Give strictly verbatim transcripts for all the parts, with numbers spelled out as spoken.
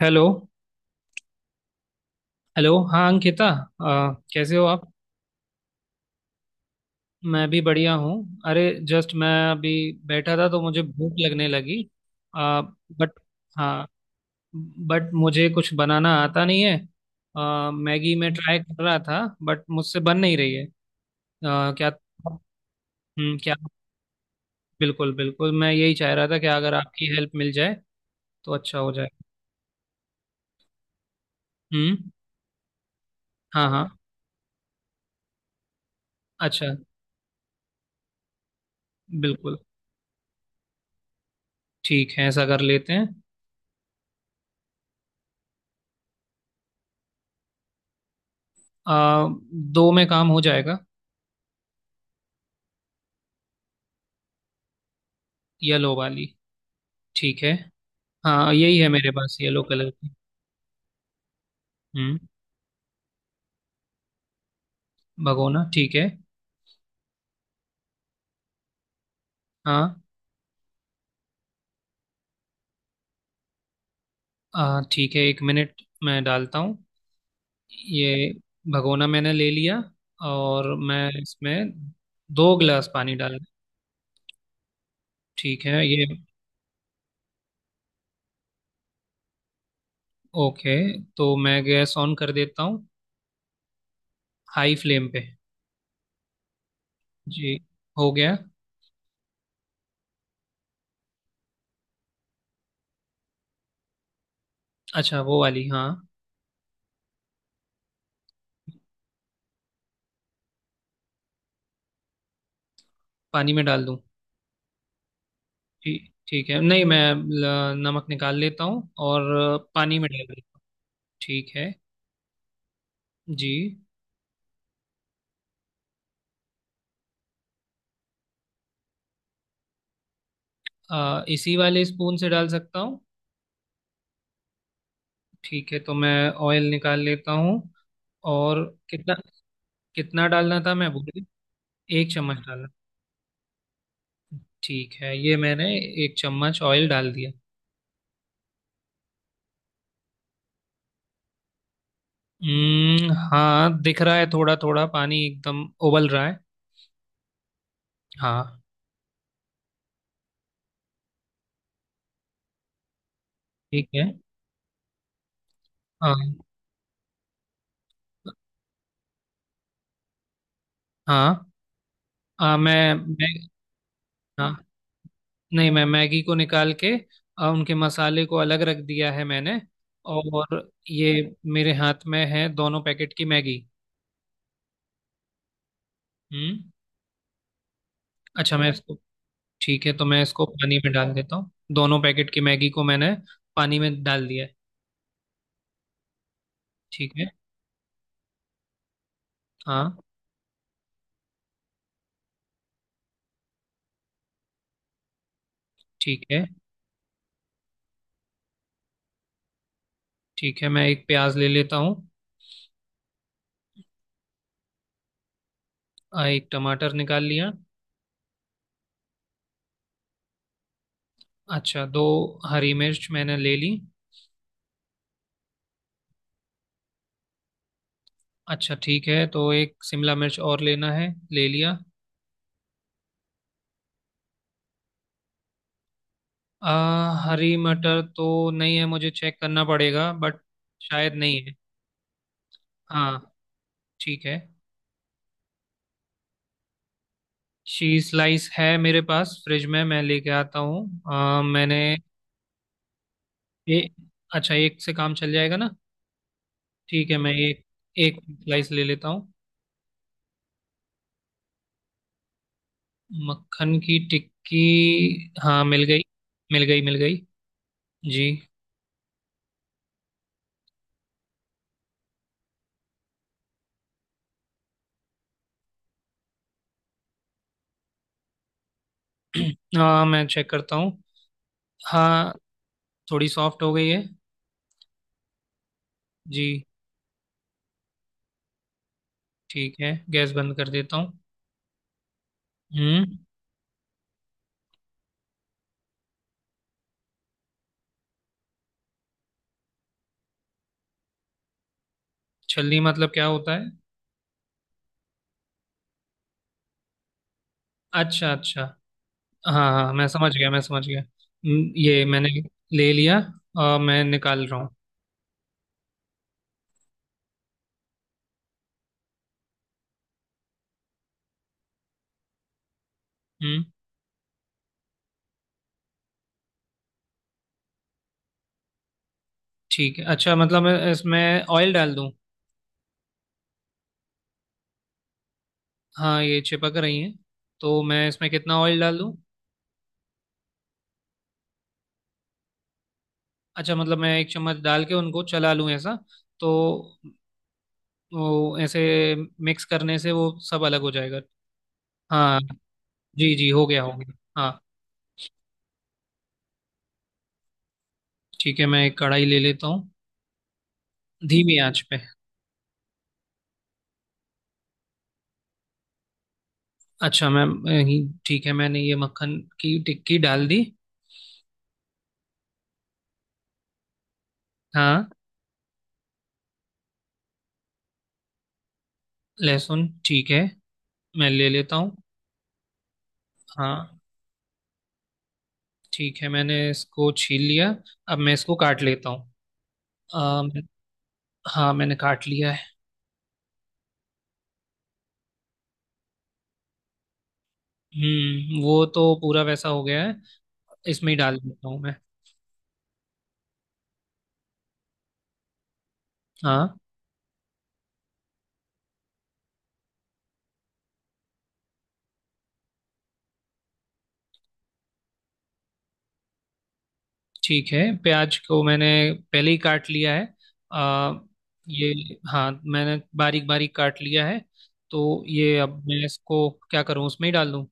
Hello. Hello. हाँ अंकिता। आ, कैसे हो आप। मैं भी बढ़िया हूँ। अरे, जस्ट मैं अभी बैठा था तो मुझे भूख लगने लगी। आ, बट। हाँ, बट मुझे कुछ बनाना आता नहीं है। आ, मैगी में ट्राई कर रहा था, बट मुझसे बन नहीं रही है। आ, क्या? हम्म, क्या? बिल्कुल बिल्कुल, मैं यही चाह रहा था कि अगर आपकी हेल्प मिल जाए तो अच्छा हो जाए। हम्म। हाँ हाँ, अच्छा। बिल्कुल। ठीक है, ऐसा कर लेते हैं। आ, दो में काम हो जाएगा। येलो वाली। ठीक है। हाँ, यही है मेरे पास येलो कलर की। हम्म। भगोना, ठीक है। हाँ। आ, ठीक है, एक मिनट मैं डालता हूँ। ये भगोना मैंने ले लिया और मैं इसमें दो गिलास पानी डाल। ठीक है, ये। ओके, तो मैं गैस ऑन कर देता हूँ। हाई फ्लेम पे। जी। हो गया। अच्छा, वो वाली, हाँ। पानी में डाल दूँ? ठीक, ठीक है। नहीं, मैं ल- नमक निकाल लेता हूँ और पानी में डाल देता हूँ। ठीक है। जी। आ, इसी वाले स्पून से डाल सकता हूँ? ठीक है, तो मैं ऑयल निकाल लेता हूँ और कितना कितना डालना था मैं भूल गया। एक चम्मच डाला। ठीक है, ये मैंने एक चम्मच ऑयल डाल दिया। हम्म, हाँ, दिख रहा है, थोड़ा थोड़ा पानी एकदम उबल रहा है। हाँ। ठीक है। हाँ हाँ। हाँ, मैं मैं। हाँ, नहीं, मैं मैगी को निकाल के आ, उनके मसाले को अलग रख दिया है मैंने, और ये। मेरे हाथ में है दोनों पैकेट की मैगी। हम्म। अच्छा, मैं मैंने इसको। ठीक है, तो मैं इसको पानी में डाल देता हूँ, दोनों पैकेट की मैगी को मैंने पानी में डाल दिया है। ठीक है। हाँ, ठीक है। ठीक है, मैं एक प्याज ले लेता हूँ। अ, एक टमाटर निकाल लिया। अच्छा, दो हरी मिर्च मैंने ले ली। अच्छा, ठीक है, तो एक शिमला मिर्च और लेना है, ले लिया। अ, हरी मटर तो नहीं है, मुझे चेक करना पड़ेगा, बट। शायद नहीं है। हाँ, ठीक है। शी स्लाइस है मेरे पास फ्रिज में, मैं लेके आता हूँ। अ, मैंने। ए, अच्छा, एक से काम चल जाएगा ना? ठीक है, मैं एक। एक स्लाइस ले लेता हूँ। मक्खन की टिक्की। हाँ, मिल गई। मिल गई, मिल गई। जी। हाँ, मैं चेक करता हूँ। हाँ। थोड़ी सॉफ्ट हो गई है। जी। ठीक है, गैस बंद कर देता हूँ। हम्म। छलनी मतलब क्या होता है? अच्छा अच्छा। हाँ हाँ, मैं समझ गया, मैं समझ गया। हम्म, ये मैंने ले लिया और मैं निकाल रहा हूँ। हम्म। ठीक है। अच्छा, मतलब मैं इसमें ऑयल डाल दूँ? हाँ, ये चिपक रही हैं। तो मैं इसमें कितना ऑयल डाल दूँ? अच्छा, मतलब मैं एक चम्मच डाल के उनको चला लूँ, ऐसा तो वो ऐसे मिक्स करने से वो सब अलग हो जाएगा? हाँ। जी जी, हो गया, हो गया। हाँ, ठीक है, मैं एक कढ़ाई ले लेता हूँ। धीमी आंच पे। अच्छा मैम, यही- ठीक है, मैंने ये मक्खन की टिक्की डाल दी। हाँ। लहसुन, ठीक है, मैं ले लेता हूँ। हाँ। ठीक है, मैंने इसको छील लिया। अब मैं इसको काट लेता हूँ। अम, हाँ, मैंने काट लिया है। हम्म वो तो पूरा वैसा हो गया है, इसमें ही डाल देता हूँ मैं। हाँ। ठीक है, प्याज को मैंने पहले ही काट लिया है। आ, ये। हाँ, मैंने बारीक बारीक काट लिया है। तो ये अब मैं इसको क्या करूँ, उसमें ही डाल दूँ?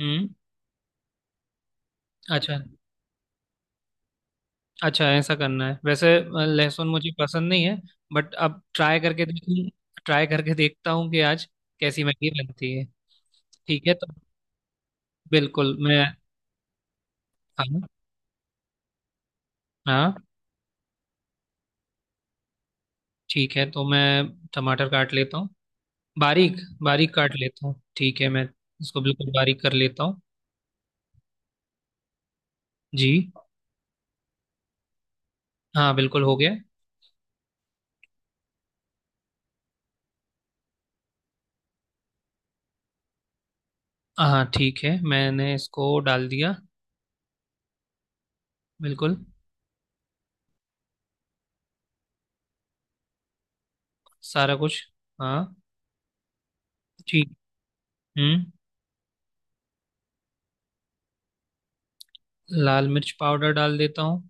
हम्म। अच्छा अच्छा, ऐसा करना है। वैसे अ, लहसुन मुझे पसंद नहीं है। बट अब ट्राई करके देखूँ। ट्राई करके देखता हूँ कि आज कैसी मैगी बनती है। ठीक है, तो बिल्कुल मैं। हाँ हाँ। ठीक है, तो मैं टमाटर काट लेता हूँ। बारीक बारीक काट लेता हूँ। ठीक है, मैं इसको बिल्कुल बारीक कर लेता हूँ। जी। हाँ, बिल्कुल हो गया। हाँ, ठीक है, मैंने इसको डाल दिया। बिल्कुल। सारा कुछ, हाँ। ठीक। हम्म। लाल मिर्च पाउडर डाल देता हूँ।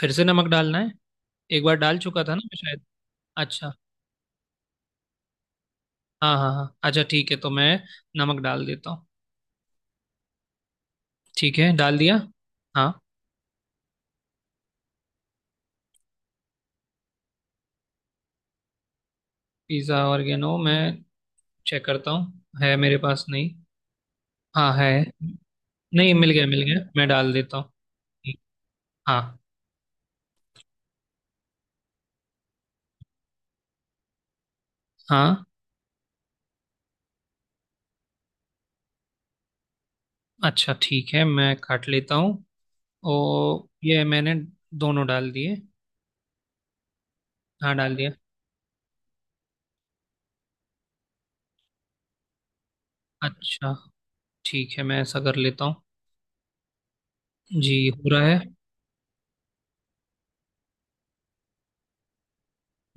फिर से नमक डालना है? एक बार डाल चुका था ना मैं, शायद। अच्छा। हाँ हाँ हाँ, अच्छा, ठीक है, तो मैं नमक डाल देता हूँ। ठीक है, डाल दिया। हाँ। पिज़्ज़ा ऑर्गेनो, मैं चेक करता हूँ, है मेरे पास, नहीं। हाँ, है। नहीं, मिल गया, मिल गया, मैं डाल देता हूँ। हाँ। हाँ, अच्छा, ठीक है, मैं काट लेता हूँ। और ये मैंने दोनों डाल दिए। हाँ, डाल दिया। अच्छा, ठीक है, मैं ऐसा कर लेता हूँ। जी, हो रहा है।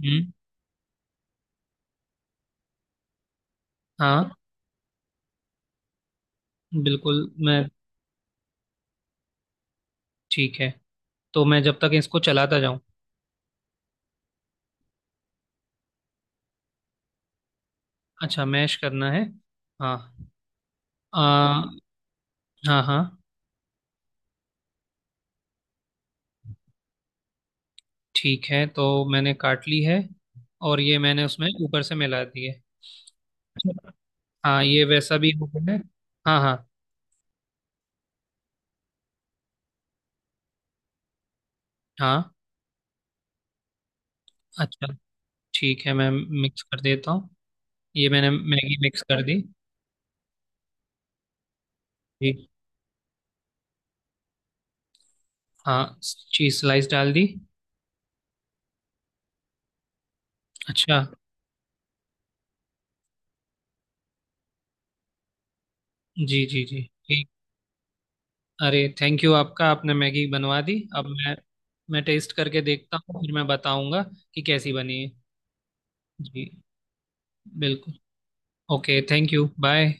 हम्म। हाँ, बिल्कुल मैं। ठीक है, तो मैं जब तक इसको चलाता जाऊँ। अच्छा, मैश करना है। हाँ। आ, हाँ हाँ। ठीक है, तो मैंने काट ली है और ये मैंने उसमें ऊपर से मिला दी है। हाँ, ये वैसा भी हो गया है। हाँ हाँ। हाँ, अच्छा, ठीक है, मैं मिक्स कर देता हूँ। ये मैंने मैगी मिक्स कर दी। जी। हाँ, चीज स्लाइस डाल दी। अच्छा। जी जी जी। ठीक। अरे, थैंक यू आपका, आपने मैगी बनवा दी। अब मैं। मैं टेस्ट करके देखता हूँ, फिर मैं बताऊंगा कि कैसी बनी है। जी बिल्कुल। Okay, thank you, bye.